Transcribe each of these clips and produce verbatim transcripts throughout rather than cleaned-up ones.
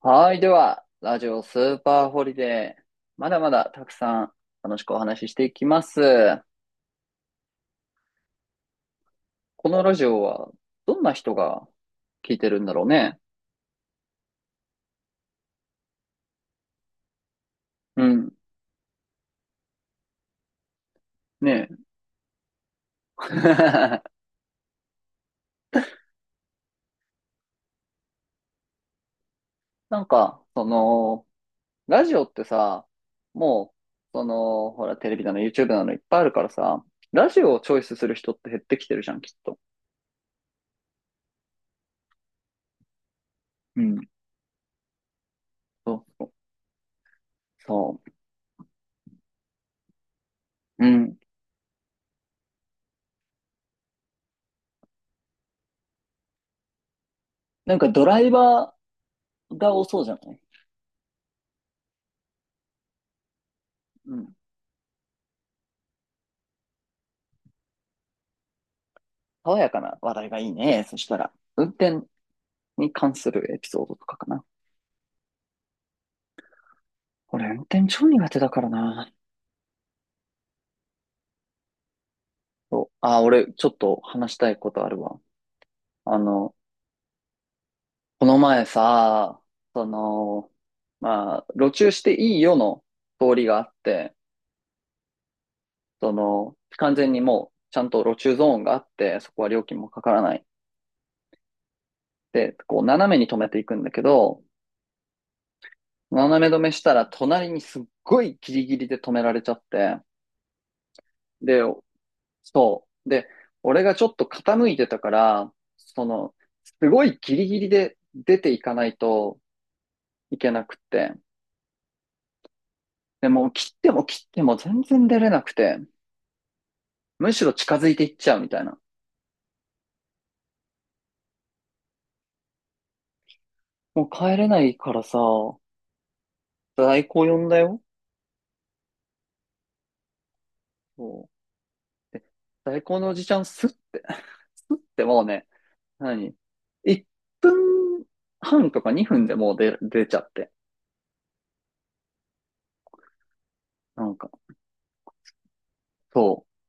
はい。では、ラジオスーパーホリデー。まだまだたくさん楽しくお話ししていきます。このラジオはどんな人が聞いてるんだろうね。うん。ねえ。なんか、その、ラジオってさ、もう、その、ほら、テレビなの、YouTube なのいっぱいあるからさ、ラジオをチョイスする人って減ってきてるじゃん、きっと。うん。そうそう。そう。うん。なんかドライバーが多そうじゃない？うん。爽やかな話題がいいね。そしたら、運転に関するエピソードとかかな。俺、運転超苦手だからな。そう。あ、俺、ちょっと話したいことあるわ。あの、この前さ、その、まあ、路中していいよの通りがあって、その、完全にもう、ちゃんと路中ゾーンがあって、そこは料金もかからない。で、こう、斜めに止めていくんだけど、斜め止めしたら、隣にすっごいギリギリで止められちゃって、で、そう。で、俺がちょっと傾いてたから、その、すごいギリギリで出ていかないといけなくって。でもう切っても切っても全然出れなくて、むしろ近づいていっちゃうみたいな。もう帰れないからさ、代行呼んだよ。そう。で、代行のおじちゃんスッて、スッてもうね、何？ いっ 分半とかにふんでもう出、出ちゃって。なんか、そう。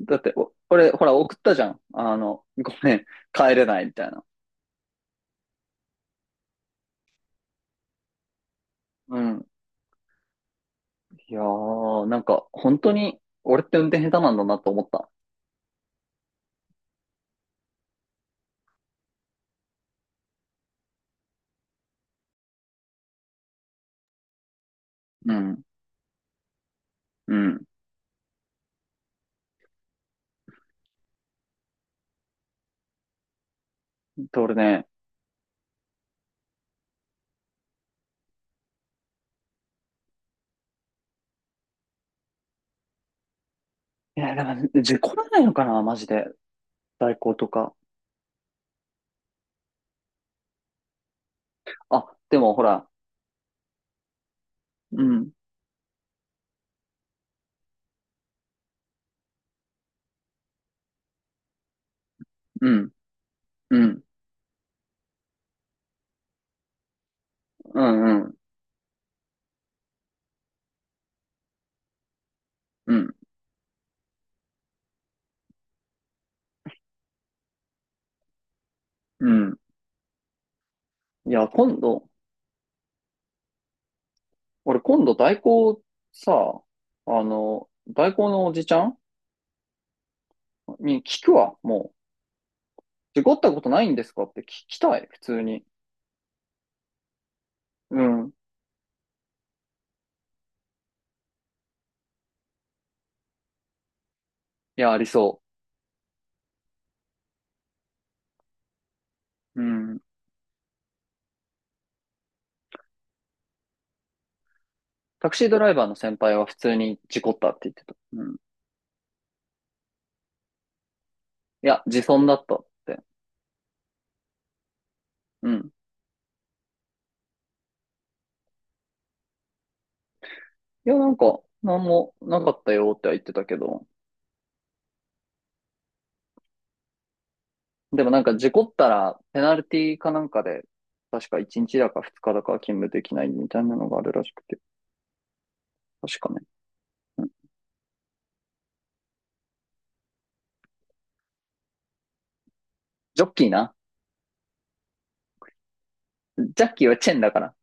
だって、お俺、ほら、送ったじゃん。あの、ごめん、帰れないみたいな。うん。いやー、なんか、本当に、俺って運転下手なんだなと思った。うん。うん。で、俺ね、いや、でも、事故らないのかな、マジで。代行とか。あ、でも、ほら、うん、うん、うん、うん、うん、うん、うん。いや、今度、俺、今度、代行、さ、あの、代行のおじちゃんに聞くわ、もう。事故ったことないんですかって聞きたい、普通に。うん。いや、ありそう。うん。タクシードライバーの先輩は普通に事故ったって言ってた。うん。いや、自損だったって。うん。いや、なんか、なんもなかったよっては言ってたけど。でもなんか事故ったら、ペナルティかなんかで、確かいちにちだかふつかだか勤務できないみたいなのがあるらしくて。確かね。うん。ジョッキーな。ジャッキーはチェンだから。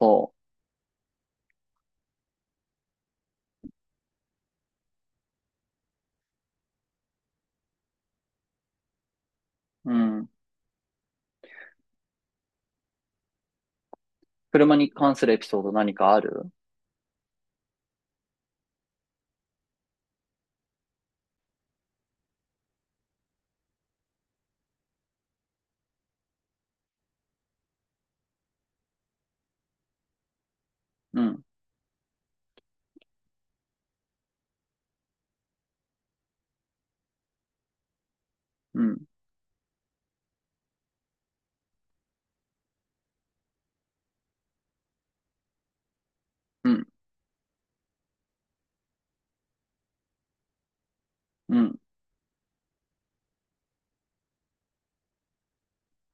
そう。うん。車に関するエピソード何かある？うん。うん。うん。うん。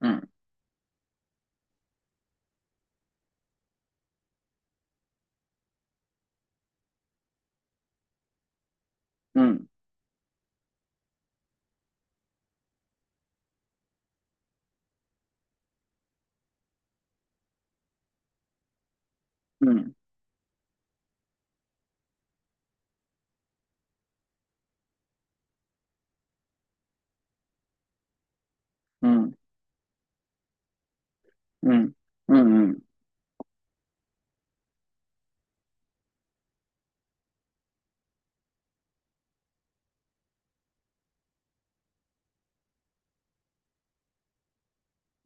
うん。うん。うん。うん。うん。うん。うん。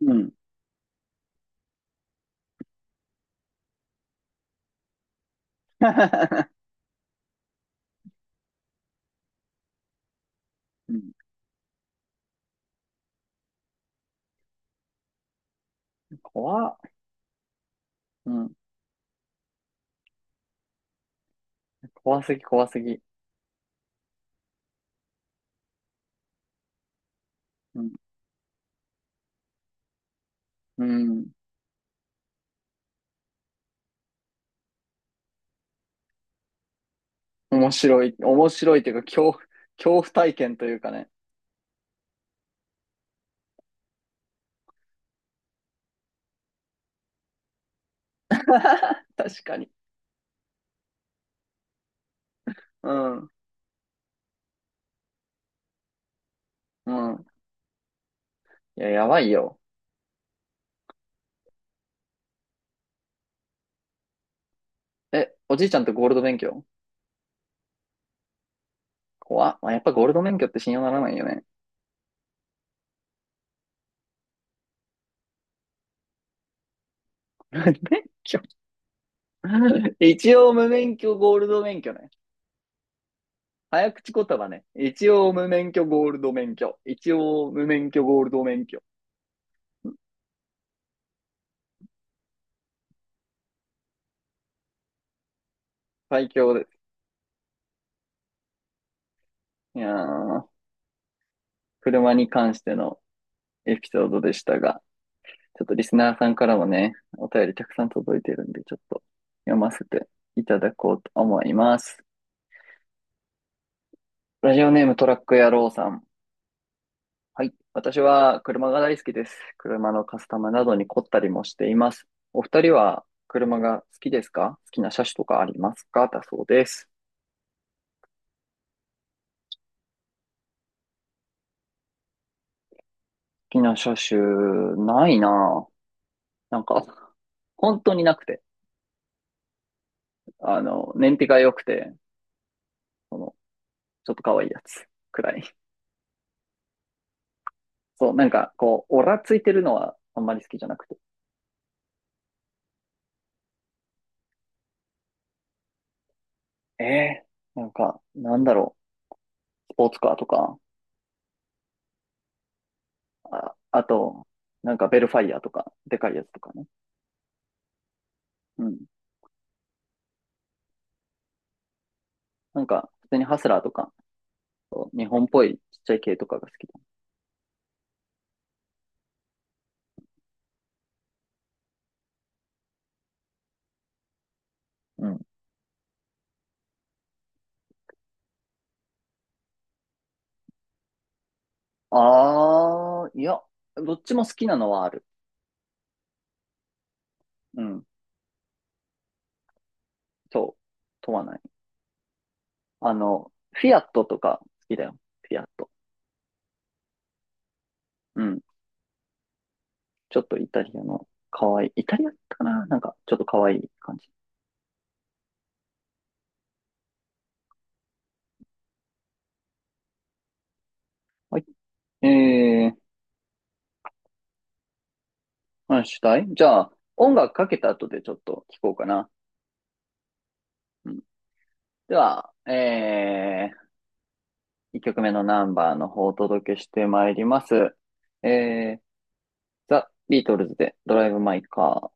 うんうん、怖っ、うん、怖すぎ、怖すぎ。うん、うん、面白い、面白いというか、恐怖、恐怖体験というかね。確かに。うん、うん。いや、やばいよ。え、おじいちゃんとゴールド免許？怖っ。まあ、やっぱゴールド免許って信用ならないよね。免許一応無免許ゴールド免許ね。早口言葉ね。一応無免許ゴールド免許。一応無免許ゴールド免許。最強です。いやー、車に関してのエピソードでしたが、ちょっとリスナーさんからもね、お便りたくさん届いてるんで、ちょっと読ませていただこうと思います。ラジオネームトラック野郎さん。はい。私は車が大好きです。車のカスタムなどに凝ったりもしています。お二人は車が好きですか？好きな車種とかありますか？だそうです。好きな車種、ないなぁ。なんか、本当になくて。あの、燃費が良くて、その、ちょっと可愛いやつくらい。そう、なんか、こう、オラついてるのはあんまり好きじゃなくて。えー、なんか、なんだろう、スポーツカーとか、あ、あと、なんかベルファイアとか、でかいやつとかね。うん。なんか、普通にハスラーとか、そう日本っぽいちっちゃい系とかが好きだ。うん。あー、いや、どっちも好きなのはある。うん。そう。問わない。あの、フィアットとか好きだよ。フィアット。うん。ちょっとイタリアの可愛い。イタリアだったかななんか、ちょっと可愛い感じ。はい。えー話したい？じゃあ、音楽かけた後でちょっと聞こうかな。うん、では、えー、いっきょくめのナンバーの方をお届けしてまいります。えー、ザ・ビートルズでドライブ・マイ・カー。